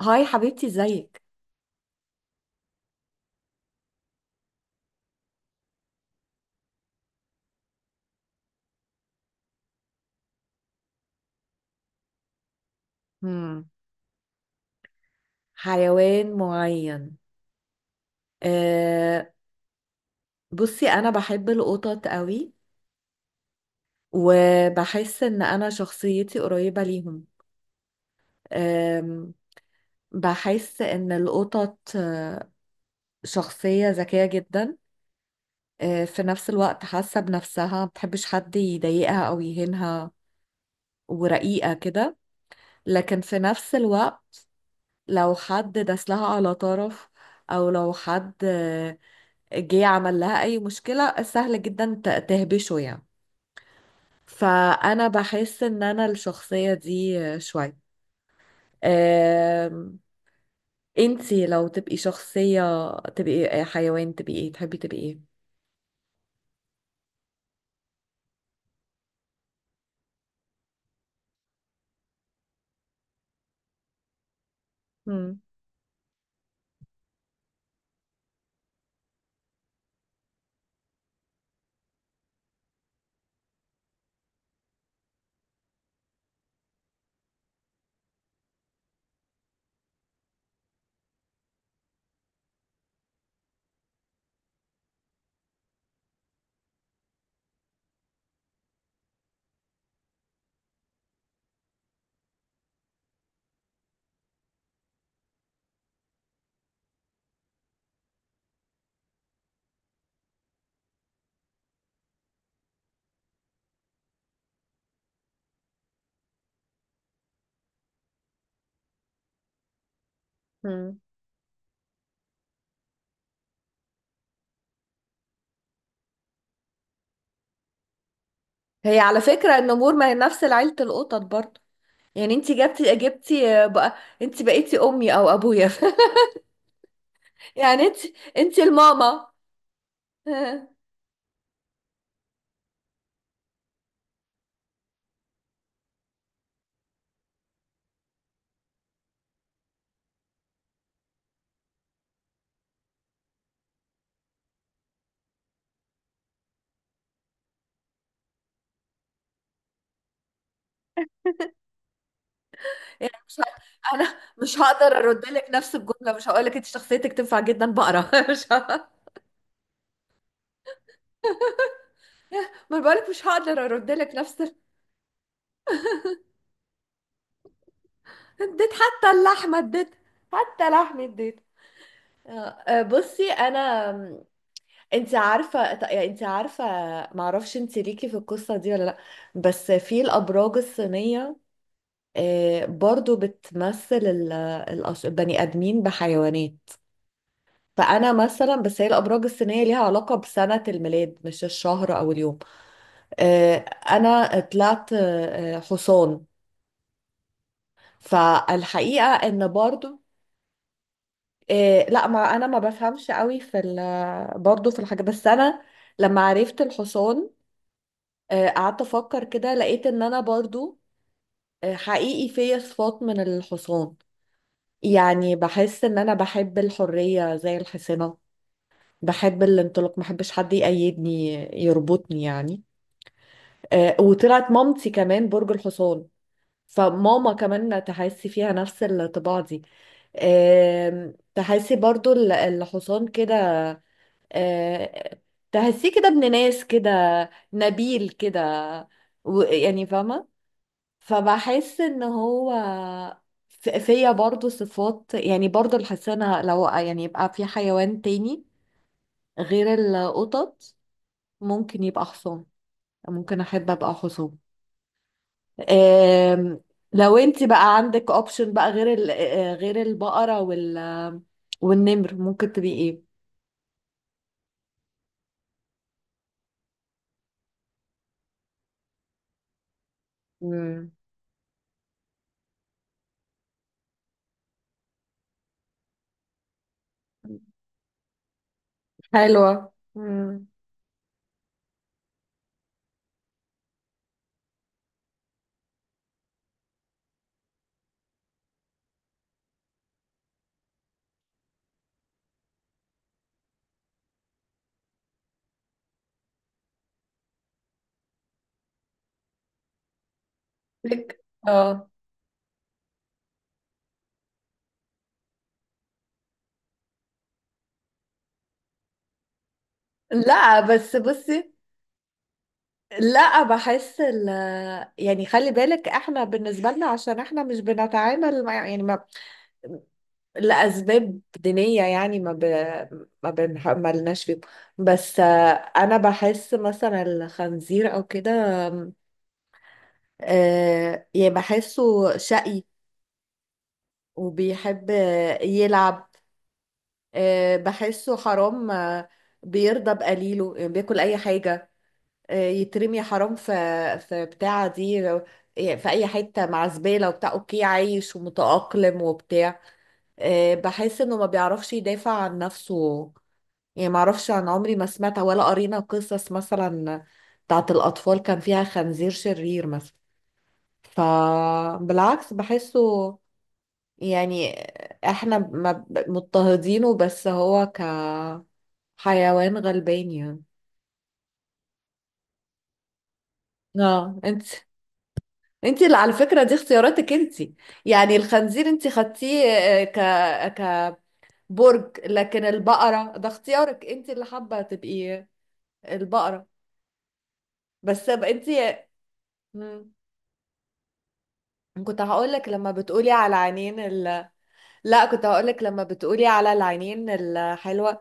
هاي حبيبتي ازيك؟ مم. حيوان معين. أه بصي انا بحب القطط قوي، وبحس ان انا شخصيتي قريبة ليهم. أه بحس ان القطط شخصية ذكية جدا. في نفس الوقت حاسة بنفسها، ما بتحبش حد يضايقها او يهينها، ورقيقة كده. لكن في نفس الوقت لو حد داس لها على طرف، او لو حد جه عمل لها اي مشكلة، سهل جدا تهبشه يعني. فانا بحس ان انا الشخصية دي شوية. أم، انتي لو تبقي شخصية تبقي حيوان تبقي ايه، تحبي تبقي ايه؟ مم. مم. هي على فكرة النمور ما هي نفس عيلة القطط برضه. يعني انتي جبتي جبتي بقى، انتي بقيتي امي او ابويا. يعني انتي الماما. يعني مش ه... انا مش هقدر ارد لك نفس الجمله، مش هقول لك انت شخصيتك تنفع جدا بقره. مش ه... ما أنا بقولك مش هقدر ارد لك نفس اديت حتى اللحمه اديت، حتى لحمه اديت. آه، بصي انا، انت عارفه، يعني انت عارفه، ما اعرفش انت ليكي في القصه دي ولا لا. بس في الابراج الصينيه برضو بتمثل البني ادمين بحيوانات. فانا مثلا، بس هي الابراج السينيه ليها علاقه بسنه الميلاد مش الشهر او اليوم. آه، انا طلعت حصان. فالحقيقه ان برضو لا، ما انا ما بفهمش قوي في برضو في الحاجه، بس انا لما عرفت الحصان قعدت افكر كده، لقيت ان انا برضو حقيقي فيا صفات من الحصان. يعني بحس ان انا بحب الحريه زي الحصانه، بحب الانطلاق، ما بحبش حد يقيدني يربطني يعني. وطلعت مامتي كمان برج الحصان. فماما كمان تحسي فيها نفس الطباع دي. تحسي برضو الحصان كده، آه، تحسيه كده ابن ناس كده، نبيل كده، يعني فاهمة. فبحس ان هو فيا برضو صفات، يعني برضو الحسنة، لو يعني يبقى في حيوان تاني غير القطط ممكن يبقى حصان، ممكن احب ابقى حصان. آم، لو انت بقى عندك اوبشن بقى غير ال... آه، غير البقرة والنمر، ممكن تبقي ايه؟ مم. حلوة. مم. لك اه. لا بس بصي، لا، بحس ال يعني خلي بالك، احنا بالنسبة لنا عشان احنا مش بنتعامل، مع يعني، ما لأسباب دينية يعني، ما ب... ما بنح... ما لناش فيهم. بس انا بحس مثلا الخنزير او كده، يعني بحسه شقي وبيحب يلعب، بحسه حرام، بيرضى بقليله، يعني بياكل اي حاجة، يترمي حرام في بتاعة دي، يعني في اي حتة مع زبالة وبتاع، اوكي عايش ومتأقلم وبتاع. بحس انه ما بيعرفش يدافع عن نفسه، يعني ما اعرفش، عن عمري ما سمعت ولا قرينا قصص مثلا بتاعت الاطفال كان فيها خنزير شرير مثلا. فبالعكس بحسه، يعني احنا ما مضطهدينه، بس هو كحيوان غلبان يعني. اه، انت اللي على فكرة دي اختياراتك انت. يعني الخنزير انت خدتيه آه، ك كبرج، لكن البقرة ده اختيارك انت اللي حابة تبقي البقرة. بس انت. مم. كنت هقولك لما بتقولي على عينين لا، كنت هقولك لما بتقولي على العينين الحلوة.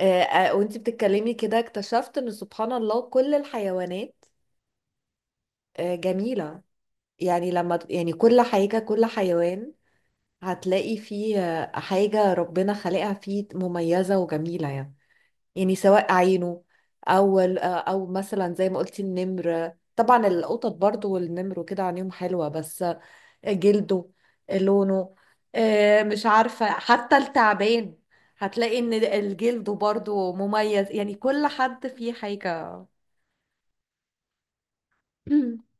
وانت بتتكلمي كده اكتشفت ان سبحان الله كل الحيوانات جميلة. يعني لما يعني كل حاجة كل حيوان هتلاقي فيه حاجة ربنا خلقها فيه مميزة وجميلة يعني. يعني سواء عينه، أو أو مثلا زي ما قلتي النمر، طبعا القطط برضو والنمر وكده عينيهم حلوة، بس جلده، لونه، مش عارفة حتى التعبان هتلاقي إن الجلد برضو مميز، يعني كل حد فيه حاجة.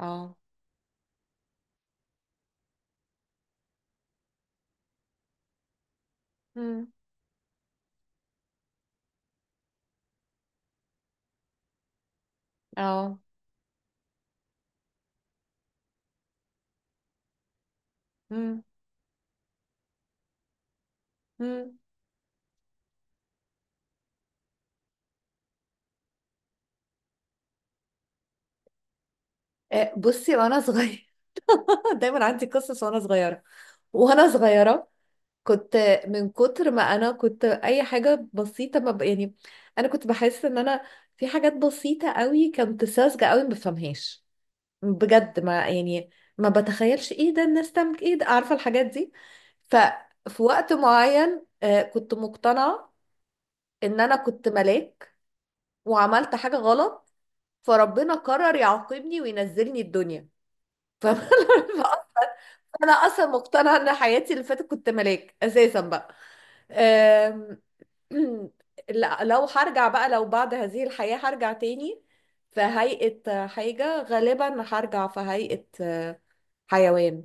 اه. مم. اه. مم. مم. بصي، وانا صغيره دايما عندي قصص. وانا صغيره، وانا صغيره كنت، من كتر ما انا كنت اي حاجه بسيطه ما ب... يعني انا كنت بحس ان انا في حاجات بسيطه قوي، كنت ساذجه قوي ما بفهمهاش، بجد، ما يعني، ما بتخيلش ايه ده الناس تعمل، ايه ده، عارفه الحاجات دي. ففي وقت معين كنت مقتنعه ان انا كنت ملاك، وعملت حاجه غلط، فربنا قرر يعاقبني وينزلني الدنيا. فاهمة؟ انا اصلا مقتنعه ان حياتي اللي فاتت كنت ملاك اساسا بقى. أم، لو هرجع بقى، لو بعد هذه الحياه هرجع تاني في هيئه حاجه، غالبا هرجع في هيئه حيوان.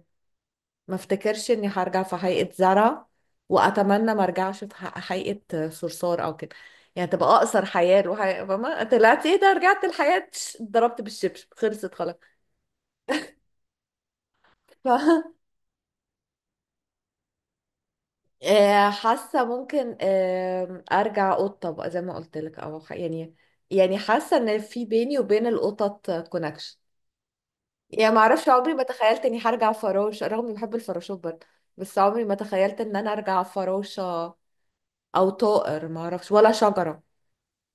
ما افتكرش اني هرجع في هيئه زرع، واتمنى ما ارجعش في هيئه صرصار او كده، يعني تبقى اقصر حياه فما طلعت ايه ده، رجعت الحياه ضربت بالشبشب خلصت خلاص. ف... حاسه ممكن ارجع قطه بقى زي ما قلت لك، او يعني، يعني حاسه ان في بيني وبين القطط كونكشن، يعني ما اعرفش، عمري ما تخيلت اني هرجع فراشه رغم اني بحب الفراشات برضه، بس عمري ما تخيلت ان انا ارجع فراشه، او طائر، ما اعرفش، ولا شجره،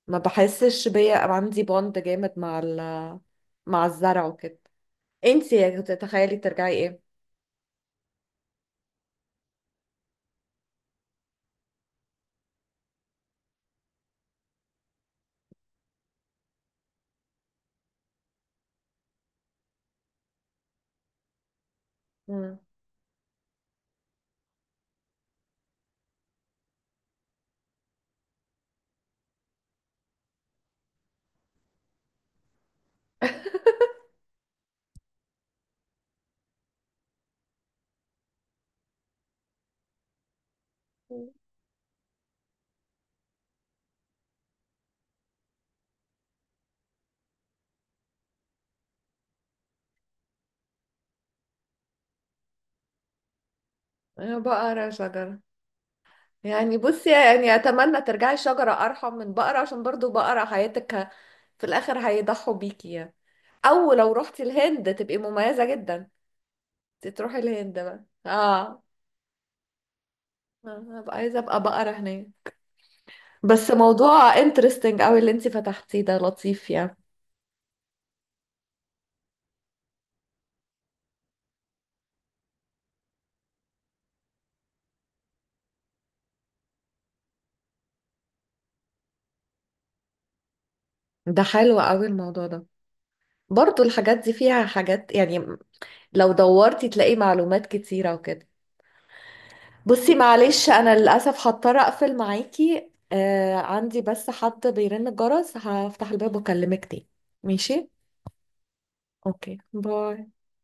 ما بحسش بيا عندي بوند جامد مع مع الزرع وكده. انتي تتخيلي ترجعي ايه؟ مم. انا بقرا شجره، يعني بصي يعني اتمنى ترجعي شجرة ارحم من بقرة، عشان برضو بقرة حياتك في الاخر هيضحوا بيكي يعني، او لو رحتي الهند تبقي مميزة جدا. تروحي الهند بقى، اه، هبقى عايزة ابقى بقرة هناك. بس موضوع انترستنج قوي اللي انتي فتحتيه ده لطيف يعني، ده حلو قوي الموضوع ده، برضو الحاجات دي فيها حاجات يعني، لو دورتي تلاقي معلومات كتيرة وكده. بصي معلش انا للاسف هضطر اقفل معاكي، آه عندي بس حد بيرن الجرس، هفتح الباب واكلمك تاني. ماشي. اوكي، باي.